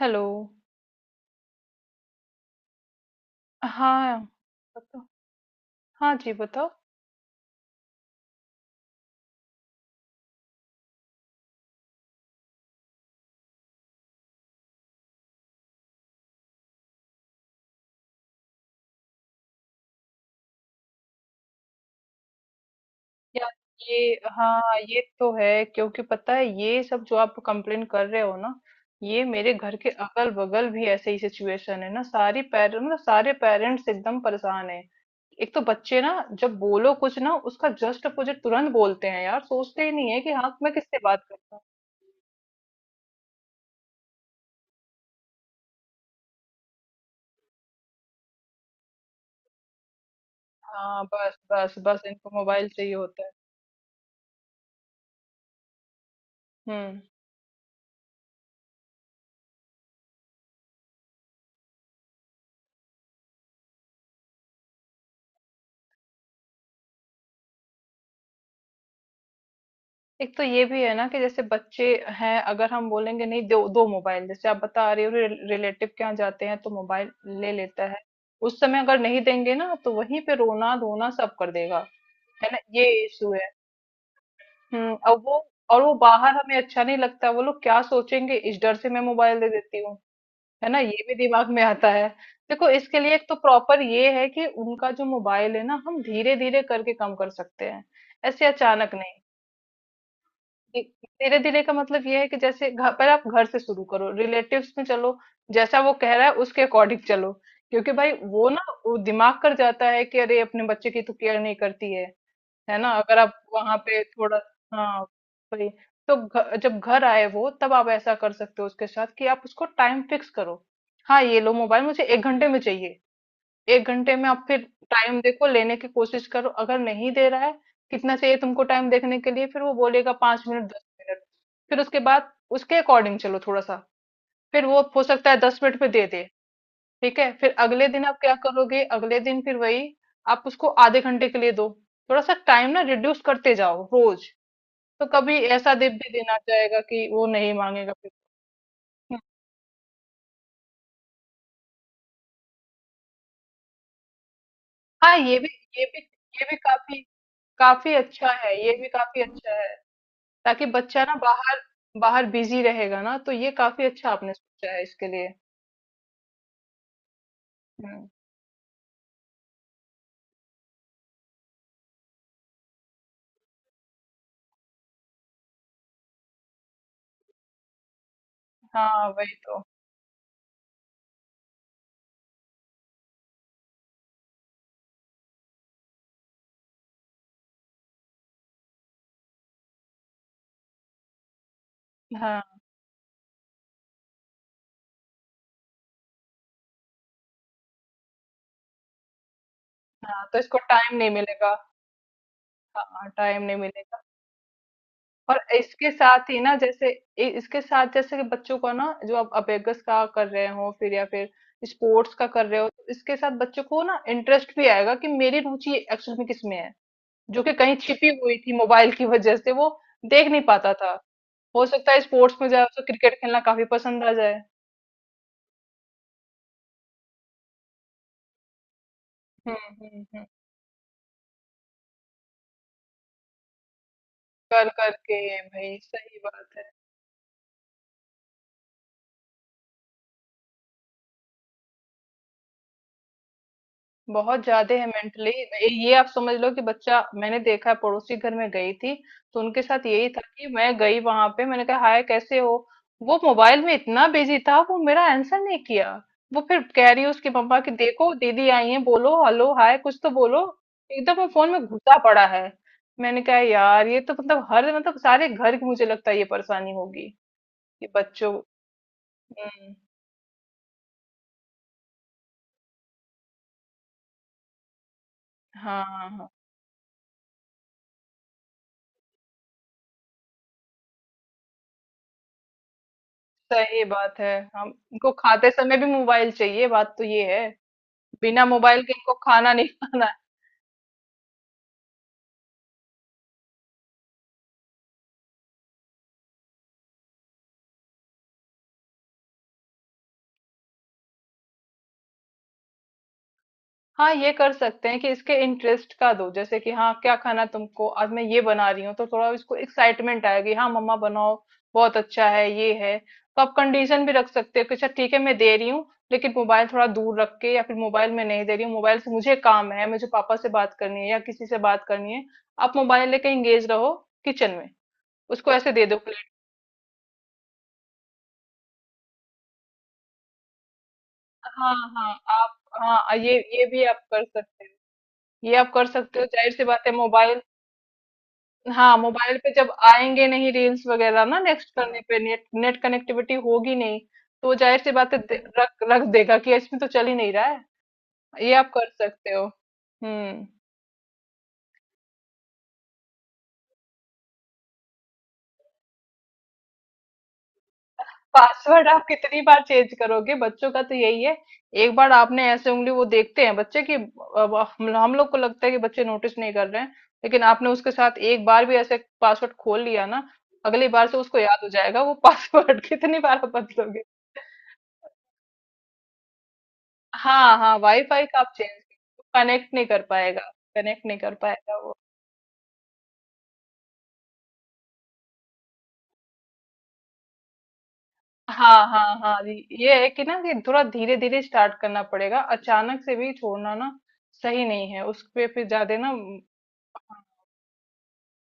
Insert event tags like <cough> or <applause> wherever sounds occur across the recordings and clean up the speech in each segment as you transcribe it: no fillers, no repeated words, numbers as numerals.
Hello. हाँ, बताओ। हाँ जी, बताओ। यार, ये हाँ, ये तो है क्योंकि पता है ये सब जो आप कंप्लेन कर रहे हो ना, ये मेरे घर के अगल बगल भी ऐसे ही सिचुएशन है ना, सारी पेरेंट मतलब सारे पेरेंट्स एकदम परेशान है। एक तो बच्चे ना, जब बोलो कुछ ना उसका जस्ट अपोजिट तुरंत बोलते हैं, यार सोचते ही नहीं है कि हाँ मैं किससे बात करता हूँ। हाँ, बस बस बस इनको मोबाइल चाहिए होता है। हम्म। एक तो ये भी है ना कि जैसे बच्चे हैं, अगर हम बोलेंगे नहीं, दो दो मोबाइल जैसे आप बता रहे हो रिलेटिव के यहाँ जाते हैं तो मोबाइल ले लेता है। उस समय अगर नहीं देंगे ना, तो वहीं पे रोना धोना सब कर देगा। है ना, ये इशू है। हम्म। और वो बाहर हमें अच्छा नहीं लगता, वो लोग क्या सोचेंगे इस डर से मैं मोबाइल दे देती हूँ। है ना, ये भी दिमाग में आता है। देखो, इसके लिए एक तो प्रॉपर ये है कि उनका जो मोबाइल है ना, हम धीरे धीरे करके कम कर सकते हैं। ऐसे अचानक नहीं। धीरे धीरे का मतलब ये है कि जैसे घर पर, आप घर से शुरू करो, रिलेटिव्स में चलो, जैसा वो कह रहा है उसके अकॉर्डिंग चलो। क्योंकि भाई वो ना वो दिमाग कर जाता है कि अरे अपने बच्चे की तो केयर नहीं करती है। है ना, अगर आप वहां पे थोड़ा, हाँ, भाई, तो जब घर आए वो, तब आप ऐसा कर सकते हो उसके साथ कि आप उसको टाइम फिक्स करो। हाँ ये लो मोबाइल, मुझे 1 घंटे में चाहिए। 1 घंटे में आप फिर टाइम देखो, लेने की कोशिश करो, अगर नहीं दे रहा है, कितना चाहिए तुमको टाइम देखने के लिए? फिर वो बोलेगा 5 मिनट, 10 मिनट, फिर उसके बाद उसके अकॉर्डिंग चलो थोड़ा-सा, फिर वो हो सकता है 10 मिनट में दे दे, ठीक है? फिर अगले दिन आप क्या करोगे? अगले दिन फिर वही, आप उसको आधे घंटे के लिए दो, थोड़ा-सा टाइम ना रिड्यूस करते जाओ रोज़, तो कभी ऐसा दे भी देना जाएगा कि वो नहीं माँगेगा फिर। हुँ, हाँ, ये भी ये भी काफ़ी काफ़ी अच्छा है, ये भी काफ़ी अच्छा है। ताकि बच्चा ना बाहर बाहर बिजी रहेगा ना, तो ये काफी अच्छा आपने सोचा है इसके लिए। हम्म। हाँ वही तो। हाँ हाँ, तो इसको टाइम नहीं मिलेगा। हाँ, टाइम नहीं मिलेगा। और इसके साथ ही ना, जैसे इसके साथ, जैसे कि बच्चों को ना जो आप अबेगस का कर रहे हो फिर, या फिर स्पोर्ट्स का कर रहे हो, तो इसके साथ बच्चों को ना इंटरेस्ट भी आएगा कि मेरी रुचि एक्चुअल में किस में है, जो कि कहीं छिपी हुई थी मोबाइल की वजह से। वो देख नहीं पाता था। हो सकता है स्पोर्ट्स में जाए, उसे क्रिकेट खेलना काफी पसंद आ जाए। हुँ, हुँ, हुँ। कर के ये, भाई सही बात है। बहुत ज़्यादा है मेंटली। ये आप समझ लो कि बच्चा, मैंने देखा है पड़ोसी घर में गई थी, तो उनके साथ यही था कि मैं गई वहाँ पे, मैंने कहा हाय कैसे हो? वो मोबाइल में इतना बिज़ी था वो मेरा आंसर नहीं किया। वो फिर कह रही है उसकी मम्मा कि देखो दीदी आई हैं, बोलो हेलो हाय, कुछ तो बोलो। एकदम वो फ़ोन में घुसा पड़ा है। मैंने कहा यार ये तो मतलब, हर मतलब सारे घर की, मुझे लगता है ये परेशानी होगी, कि बच्चों, हुँ। हाँ। हाँ। सही बात है। हम, इनको खाते समय भी मोबाइल चाहिए, बात तो ये है। बिना मोबाइल के इनको खाना नहीं <laughs> खाना है। हाँ, ये कर सकते हैं कि इसके इंटरेस्ट का दो, जैसे कि हाँ क्या खाना तुमको, आज मैं ये बना रही हूँ, तो थोड़ा इसको एक्साइटमेंट आएगी, हाँ मम्मा बनाओ। बहुत अच्छा है, ये है। तो आप कंडीशन भी रख सकते हो कि अच्छा ठीक है मैं दे रही हूँ, लेकिन मोबाइल थोड़ा दूर रख के, या फिर मोबाइल में नहीं दे रही हूँ, मोबाइल से मुझे काम है, मुझे पापा से बात करनी है या किसी से बात करनी है, आप मोबाइल लेके एंगेज रहो, किचन में उसको ऐसे दे दो। हाँ हाँ आप, हाँ ये भी आप कर सकते हो। ये आप कर सकते हो, जाहिर सी बात है मोबाइल। हाँ, मोबाइल पे जब आएंगे नहीं रील्स वगैरह ना, नेक्स्ट करने पे नेट नेट कनेक्टिविटी होगी नहीं, तो जाहिर सी बात है रख रख देगा कि इसमें तो चल ही नहीं रहा है। ये आप कर सकते हो। हम्म। पासवर्ड आप कितनी बार चेंज करोगे, बच्चों का तो यही है, एक बार आपने ऐसे उंगली, वो देखते हैं बच्चे की। अब हम लोग को लगता है कि बच्चे नोटिस नहीं कर रहे हैं, लेकिन आपने उसके साथ एक बार भी ऐसे पासवर्ड खोल लिया ना, अगली बार से उसको याद हो जाएगा वो पासवर्ड। <laughs> कितनी बार आप बदलोगे। हाँ हाँ, वाईफाई का आप चेंज, कनेक्ट नहीं कर पाएगा। कनेक्ट नहीं कर पाएगा वो। हाँ हाँ हाँ जी, ये है कि ना कि थोड़ा धीरे धीरे स्टार्ट करना पड़ेगा, अचानक से भी छोड़ना ना सही नहीं है, उस पे फिर ज्यादा ना,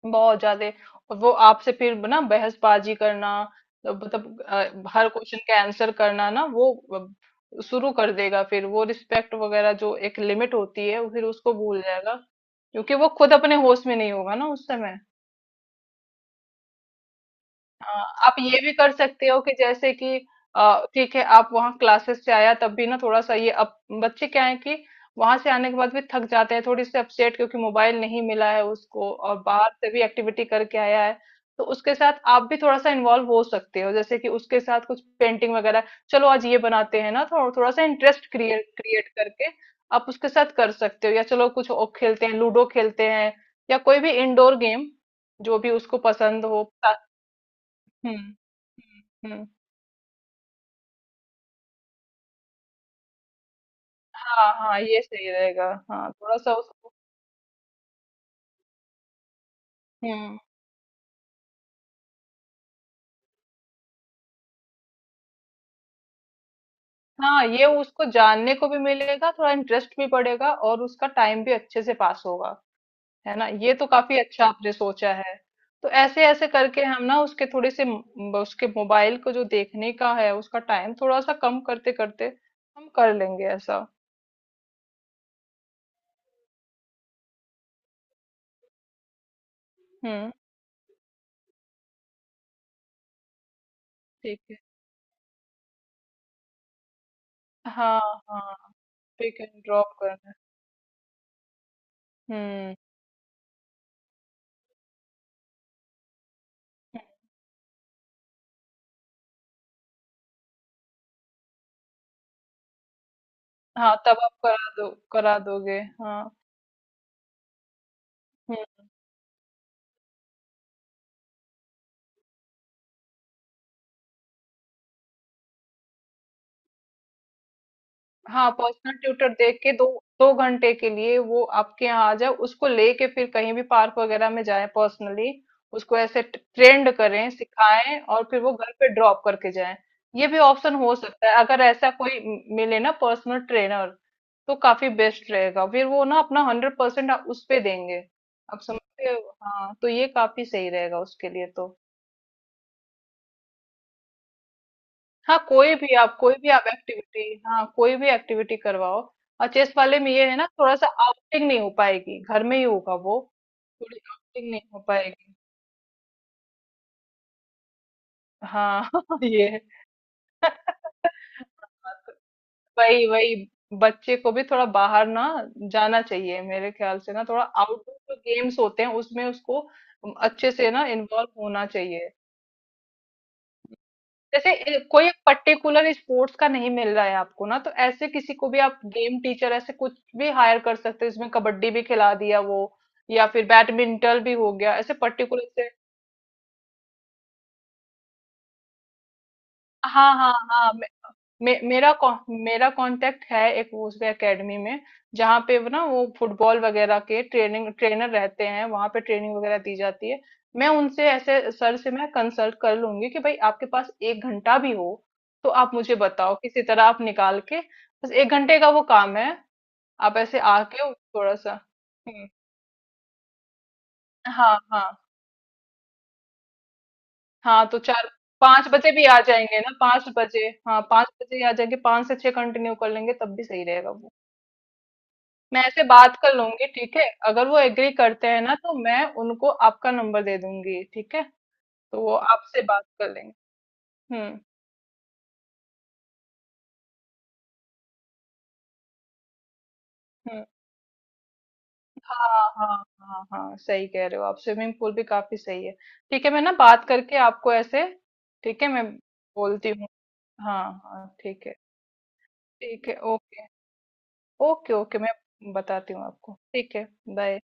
बहुत ज्यादा। और वो आपसे फिर ना बहसबाजी करना, मतलब हर क्वेश्चन का आंसर करना ना, वो शुरू कर देगा। फिर वो रिस्पेक्ट वगैरह जो एक लिमिट होती है वो फिर उसको भूल जाएगा, क्योंकि वो खुद अपने होश में नहीं होगा ना उस समय। हाँ, आप ये भी कर सकते हो कि जैसे कि ठीक है, आप वहाँ क्लासेस से आया तब भी ना थोड़ा सा ये अब, बच्चे क्या है कि वहां से आने के बाद भी थक जाते हैं, थोड़ी सी अपसेट, क्योंकि मोबाइल नहीं मिला है उसको और बाहर से भी एक्टिविटी करके आया है। तो उसके साथ आप भी थोड़ा सा इन्वॉल्व हो सकते हो, जैसे कि उसके साथ कुछ पेंटिंग वगैरह, चलो आज ये बनाते हैं ना, थोड़ा थोड़ा सा इंटरेस्ट क्रिएट क्रिएट करके आप उसके साथ कर सकते हो। या चलो कुछ और खेलते हैं, लूडो खेलते हैं, या कोई भी इंडोर गेम, जो भी उसको पसंद हो। हुँ। हुँ, हुँ। हाँ, हाँ, ये सही रहेगा। हाँ, थोड़ा-सा उसको, हुँ। हाँ, ये उसको जानने को भी मिलेगा, थोड़ा इंटरेस्ट भी बढ़ेगा और उसका टाइम भी अच्छे से पास होगा, है ना? ये तो काफ़ी अच्छा आपने सोचा है। तो ऐसे-ऐसे करके हम ना उसके थोड़े से म, उसके मोबाइल को जो देखने का है, उसका टाइम थोड़ा-सा कम करते-करते हम कर लेंगे ऐसा। हुँ, ठीक है। हाँ, हाँ, पिक एंड ड्रॉप करना है। हुँ, हुँ। हाँ, तब आप करा दो करा दोगे। हाँ, हुँ। हाँ, पर्सनल ट्यूटर देख के दो, 2 घंटे के लिए वो आपके यहाँ आ जाए, उसको लेके फिर कहीं भी पार्क वगैरह में जाए पर्सनली, उसको ऐसे ट्रेंड करें सिखाएं, और फिर वो घर पे ड्रॉप करके जाए। ये भी ऑप्शन हो सकता है, अगर ऐसा कोई मिले ना पर्सनल ट्रेनर, तो काफी बेस्ट रहेगा, फिर वो ना अपना 100% उस पे देंगे। आप समझते हो, हाँ, तो ये काफी सही रहेगा उसके लिए तो। हाँ, कोई भी आप एक्टिविटी, हाँ कोई भी एक्टिविटी करवाओ। और चेस वाले में ये है ना, थोड़ा सा आउटिंग नहीं हो पाएगी, घर में ही होगा वो, थोड़ी आउटिंग नहीं हो पाएगी। हाँ <laughs> ये है। <laughs> वही वही, बच्चे को भी थोड़ा बाहर ना जाना चाहिए, मेरे ख्याल से ना थोड़ा आउटडोर जो गेम्स होते हैं उसमें उसको अच्छे से ना इन्वॉल्व होना चाहिए। जैसे कोई एक पर्टिकुलर स्पोर्ट्स का नहीं मिल रहा है आपको ना, तो ऐसे किसी को भी आप गेम टीचर ऐसे कुछ भी हायर कर सकते हो, इसमें कबड्डी भी खिला दिया वो, या फिर बैडमिंटन भी हो गया ऐसे पर्टिकुलर से। हाँ हाँ हाँ मे, मे, मेरा कॉ- मेरा कांटेक्ट है एक उस एकेडमी में, जहाँ पे वो ना वो फुटबॉल वगैरह के ट्रेनिंग ट्रेनर रहते हैं, वहाँ पे ट्रेनिंग वगैरह दी जाती है। मैं उनसे ऐसे सर से मैं कंसल्ट कर लूंगी कि भाई आपके पास 1 घंटा भी हो तो आप मुझे बताओ, किसी तरह आप निकाल के, बस 1 घंटे का वो काम है। आप ऐसे आके थोड़ा सा, हम्म, हाँ हाँ हाँ तो चार 5 बजे भी आ जाएंगे ना, 5 बजे, हाँ 5 बजे ही आ जाएंगे, 5 से 6 कंटिन्यू कर लेंगे, तब भी सही रहेगा वो। मैं ऐसे बात कर लूंगी, ठीक है अगर वो एग्री करते हैं ना, तो मैं उनको आपका नंबर दे दूंगी, ठीक है, तो वो आपसे बात कर लेंगे। हम्म। हम्म। हाँ हाँ। हाँ हाँ सही कह रहे हो आप, स्विमिंग पूल भी काफी सही है। ठीक है मैं ना बात करके आपको ऐसे, ठीक है मैं बोलती हूँ। हाँ हाँ ठीक है। ठीक है, ओके। ओके ओके मैं बताती हूँ आपको, ठीक है। बाय।